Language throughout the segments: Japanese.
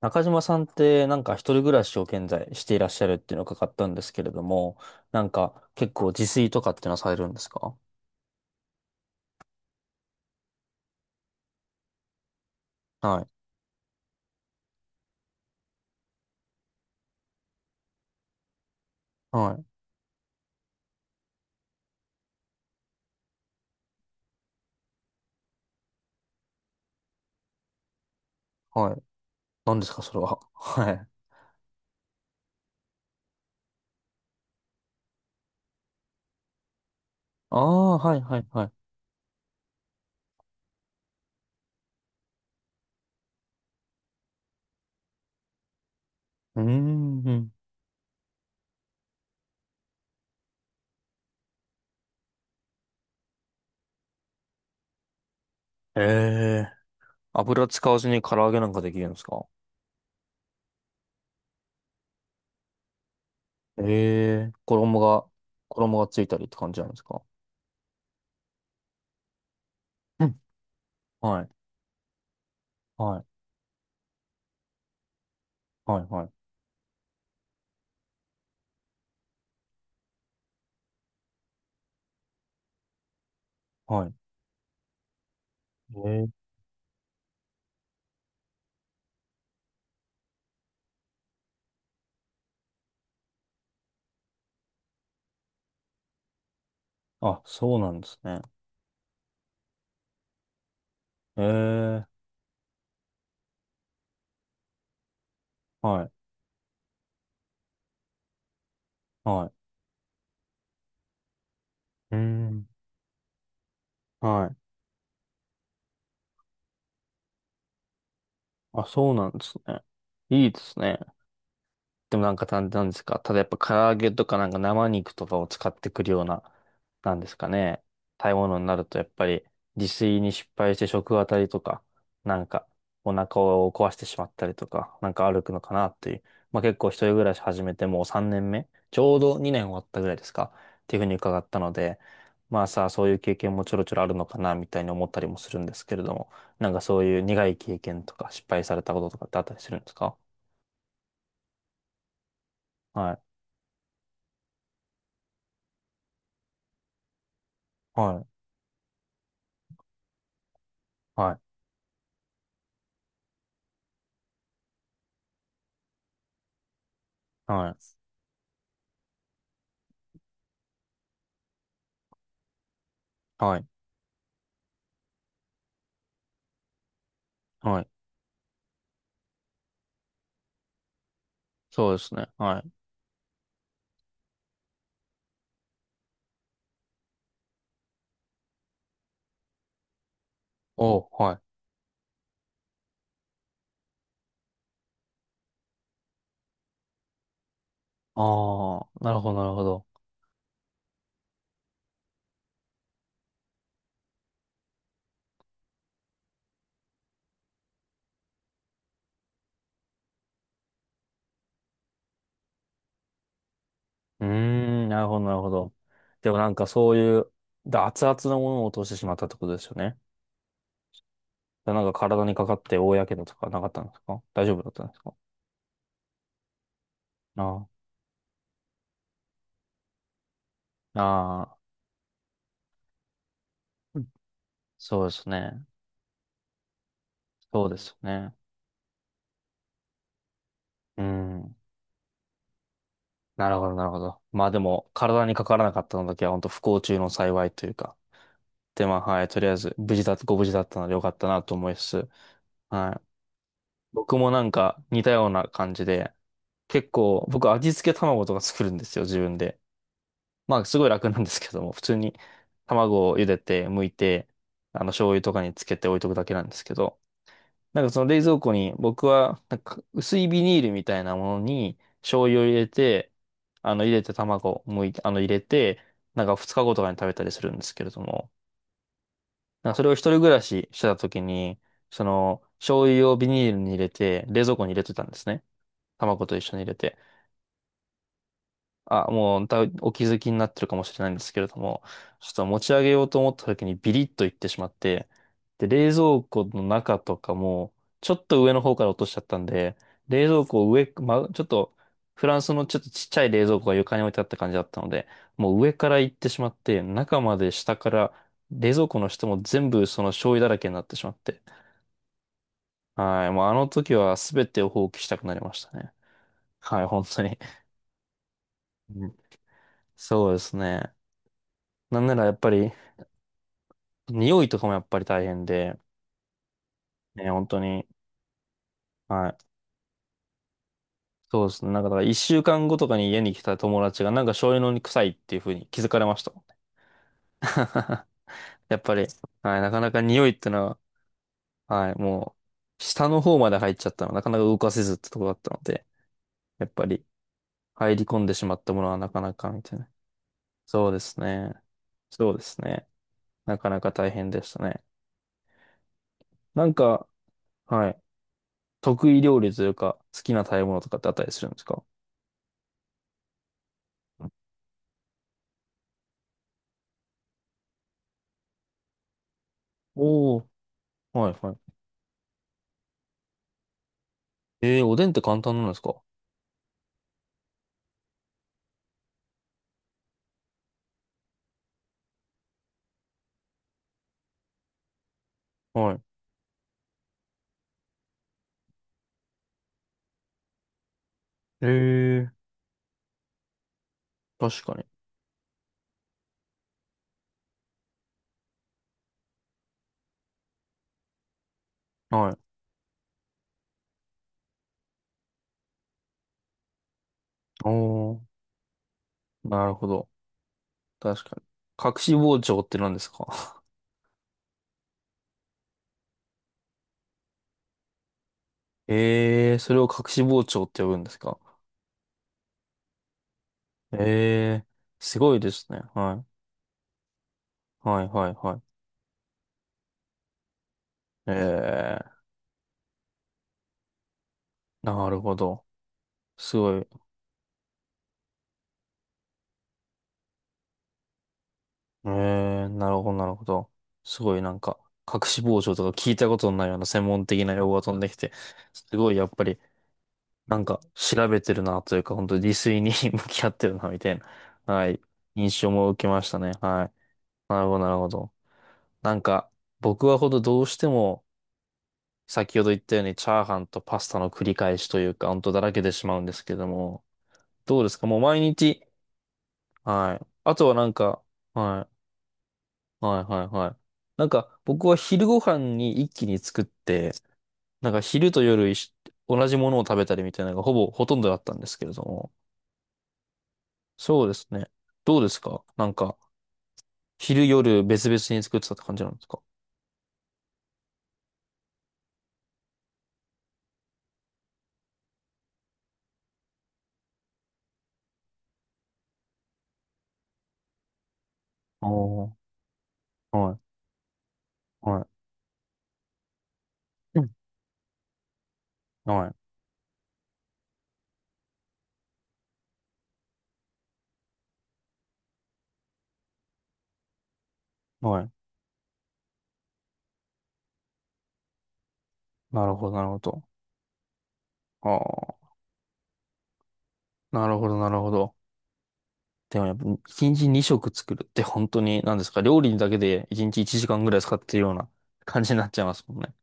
中島さんってなんか一人暮らしを現在していらっしゃるっていうのを伺ったんですけれども、なんか結構自炊とかっていうのはされるんですか？はい。はい。はい。何ですかそれは？はい。ああ、はい、はい、はい。うーん。うん。ええ。油使わずに唐揚げなんかできるんですか？ええ。衣がついたりって感じなんですか？うん。はい。はい。はい、はい、はい。ええ。あ、そうなんですね。ええ。はい、はい。うーん。はい。あ、そうなんですね。いいですね。でもなんか、なんなんですか、ただやっぱ唐揚げとかなんか生肉とかを使ってくるような、なんですかね。食べ物になるとやっぱり自炊に失敗して食当たりとか、なんかお腹を壊してしまったりとか、なんか歩くのかなっていう。まあ結構一人暮らし始めてもう3年目、ちょうど2年終わったぐらいですか、っていうふうに伺ったので、まあさあそういう経験もちょろちょろあるのかなみたいに思ったりもするんですけれども、なんかそういう苦い経験とか失敗されたこととかってあったりするんですか？はい。はい。はい。はい。はい。はい。そうですね。はい。おう、はい。ああ、なるほど、なるほど。うーん、なるほど、なるほど。でもなんかそういう、熱々のものを落としてしまったってことですよね。なんか体にかかって大やけどとかなかったんですか？大丈夫だったんですか？ああ、ああ、うん。そうですね。そうですよね。うん。なるほど、なるほど。まあでも、体にかからなかったのだけは本当不幸中の幸いというか。で、まあ、はい、とりあえず、無事だ、ご無事だったのでよかったなと思いつつ、はい。僕もなんか似たような感じで、結構僕味付け卵とか作るんですよ、自分で。まあすごい楽なんですけども、普通に卵を茹でて、剥いて、あの醤油とかにつけて置いとくだけなんですけど、なんかその冷蔵庫に僕はなんか薄いビニールみたいなものに醤油を入れて、あの入れて卵を剥いて、あの入れて、なんか2日後とかに食べたりするんですけれども、なんかそれを一人暮らししてた時に、その醤油をビニールに入れて冷蔵庫に入れてたんですね。卵と一緒に入れて。あ、もう、お気づきになってるかもしれないんですけれども、ちょっと持ち上げようと思った時にビリッといってしまって、で、冷蔵庫の中とかも、ちょっと上の方から落としちゃったんで、冷蔵庫を上、ま、ちょっと、フランスのちょっとちっちゃい冷蔵庫が床に置いてあった感じだったので、もう上から行ってしまって、中まで下から、冷蔵庫の下も全部その醤油だらけになってしまって、はい、もうあの時は全てを放棄したくなりましたね。はい、本当に。うん。そうですね。なんならやっぱり、匂いとかもやっぱり大変で、ね、本当に、はい。そうですね。なんか、だから一週間後とかに家に来た友達が、なんか醤油のに臭いっていう風に気づかれましたもんね。やっぱり、はい、なかなか匂いってのは、はい、もう、下の方まで入っちゃったの、なかなか動かせずってとこだったので、やっぱり、入り込んでしまったものはなかなか、みたいな。そうですね。そうですね。なかなか大変でしたね。なんか、はい、得意料理というか、好きな食べ物とかってあったりするんですか？お。はいはい。えー、おでんって簡単なんですか？はい。えー、確かに。はい。おー、なるほど。確かに。隠し包丁って何ですか？ えー、それを隠し包丁って呼ぶんですか？えー、すごいですね。はい。はいはいはい。えー、なるほど。すごい。えー、なるほどなるほど。すごいなんか、隠し包丁とか聞いたことのないような専門的な用語が飛んできて、すごいやっぱりなんか調べてるなというか、本当に自炊に 向き合ってるなみたいな、はい、印象も受けましたね。はい。なるほど、なるほど。なんか、僕はどうしても、先ほど言ったようにチャーハンとパスタの繰り返しというか、本当だらけてしまうんですけども、どうですかもう毎日、はい。あとはなんか、はい、はい、はい、はい。なんか、僕は昼ご飯に一気に作って、なんか昼と夜同じものを食べたりみたいなのがほぼほとんどだったんですけれども、そうですね。どうですかなんか、昼夜別々に作ってたって感じなんですか？おー、はい、はい、うん。はい、はい。なるほど、なるほど。ああ、なるほど、なるほど。でもやっぱ、一日二食作るって本当に、何ですか、料理だけで一日一時間ぐらい使ってるような感じになっちゃいますもんね。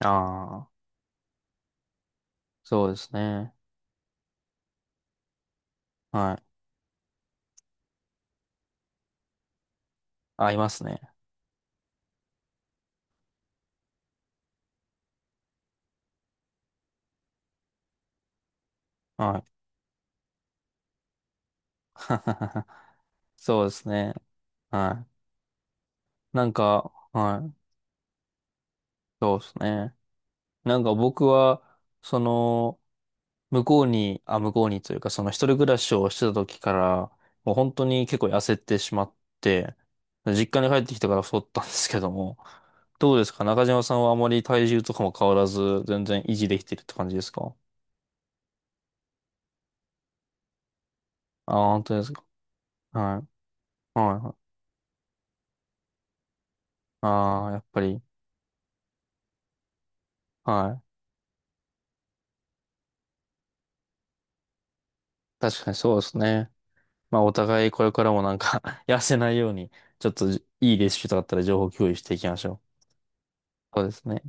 ああ、そうですね。はい。合いますね。はい。そうですね。はい。なんか、はい。そうですね。なんか僕は、その、向こうにというか、その一人暮らしをしてた時から、もう本当に結構痩せてしまって、実家に帰ってきてから太ったんですけども、どうですか中島さんはあまり体重とかも変わらず、全然維持できてるって感じですか？ああー、本当ですか？はい。はいはい。ああ、やっぱり、はい。確かにそうですね。まあ、お互いこれからもなんか 痩せないように、ちょっといいレシピとかあったら情報共有していきましょう。そうですね。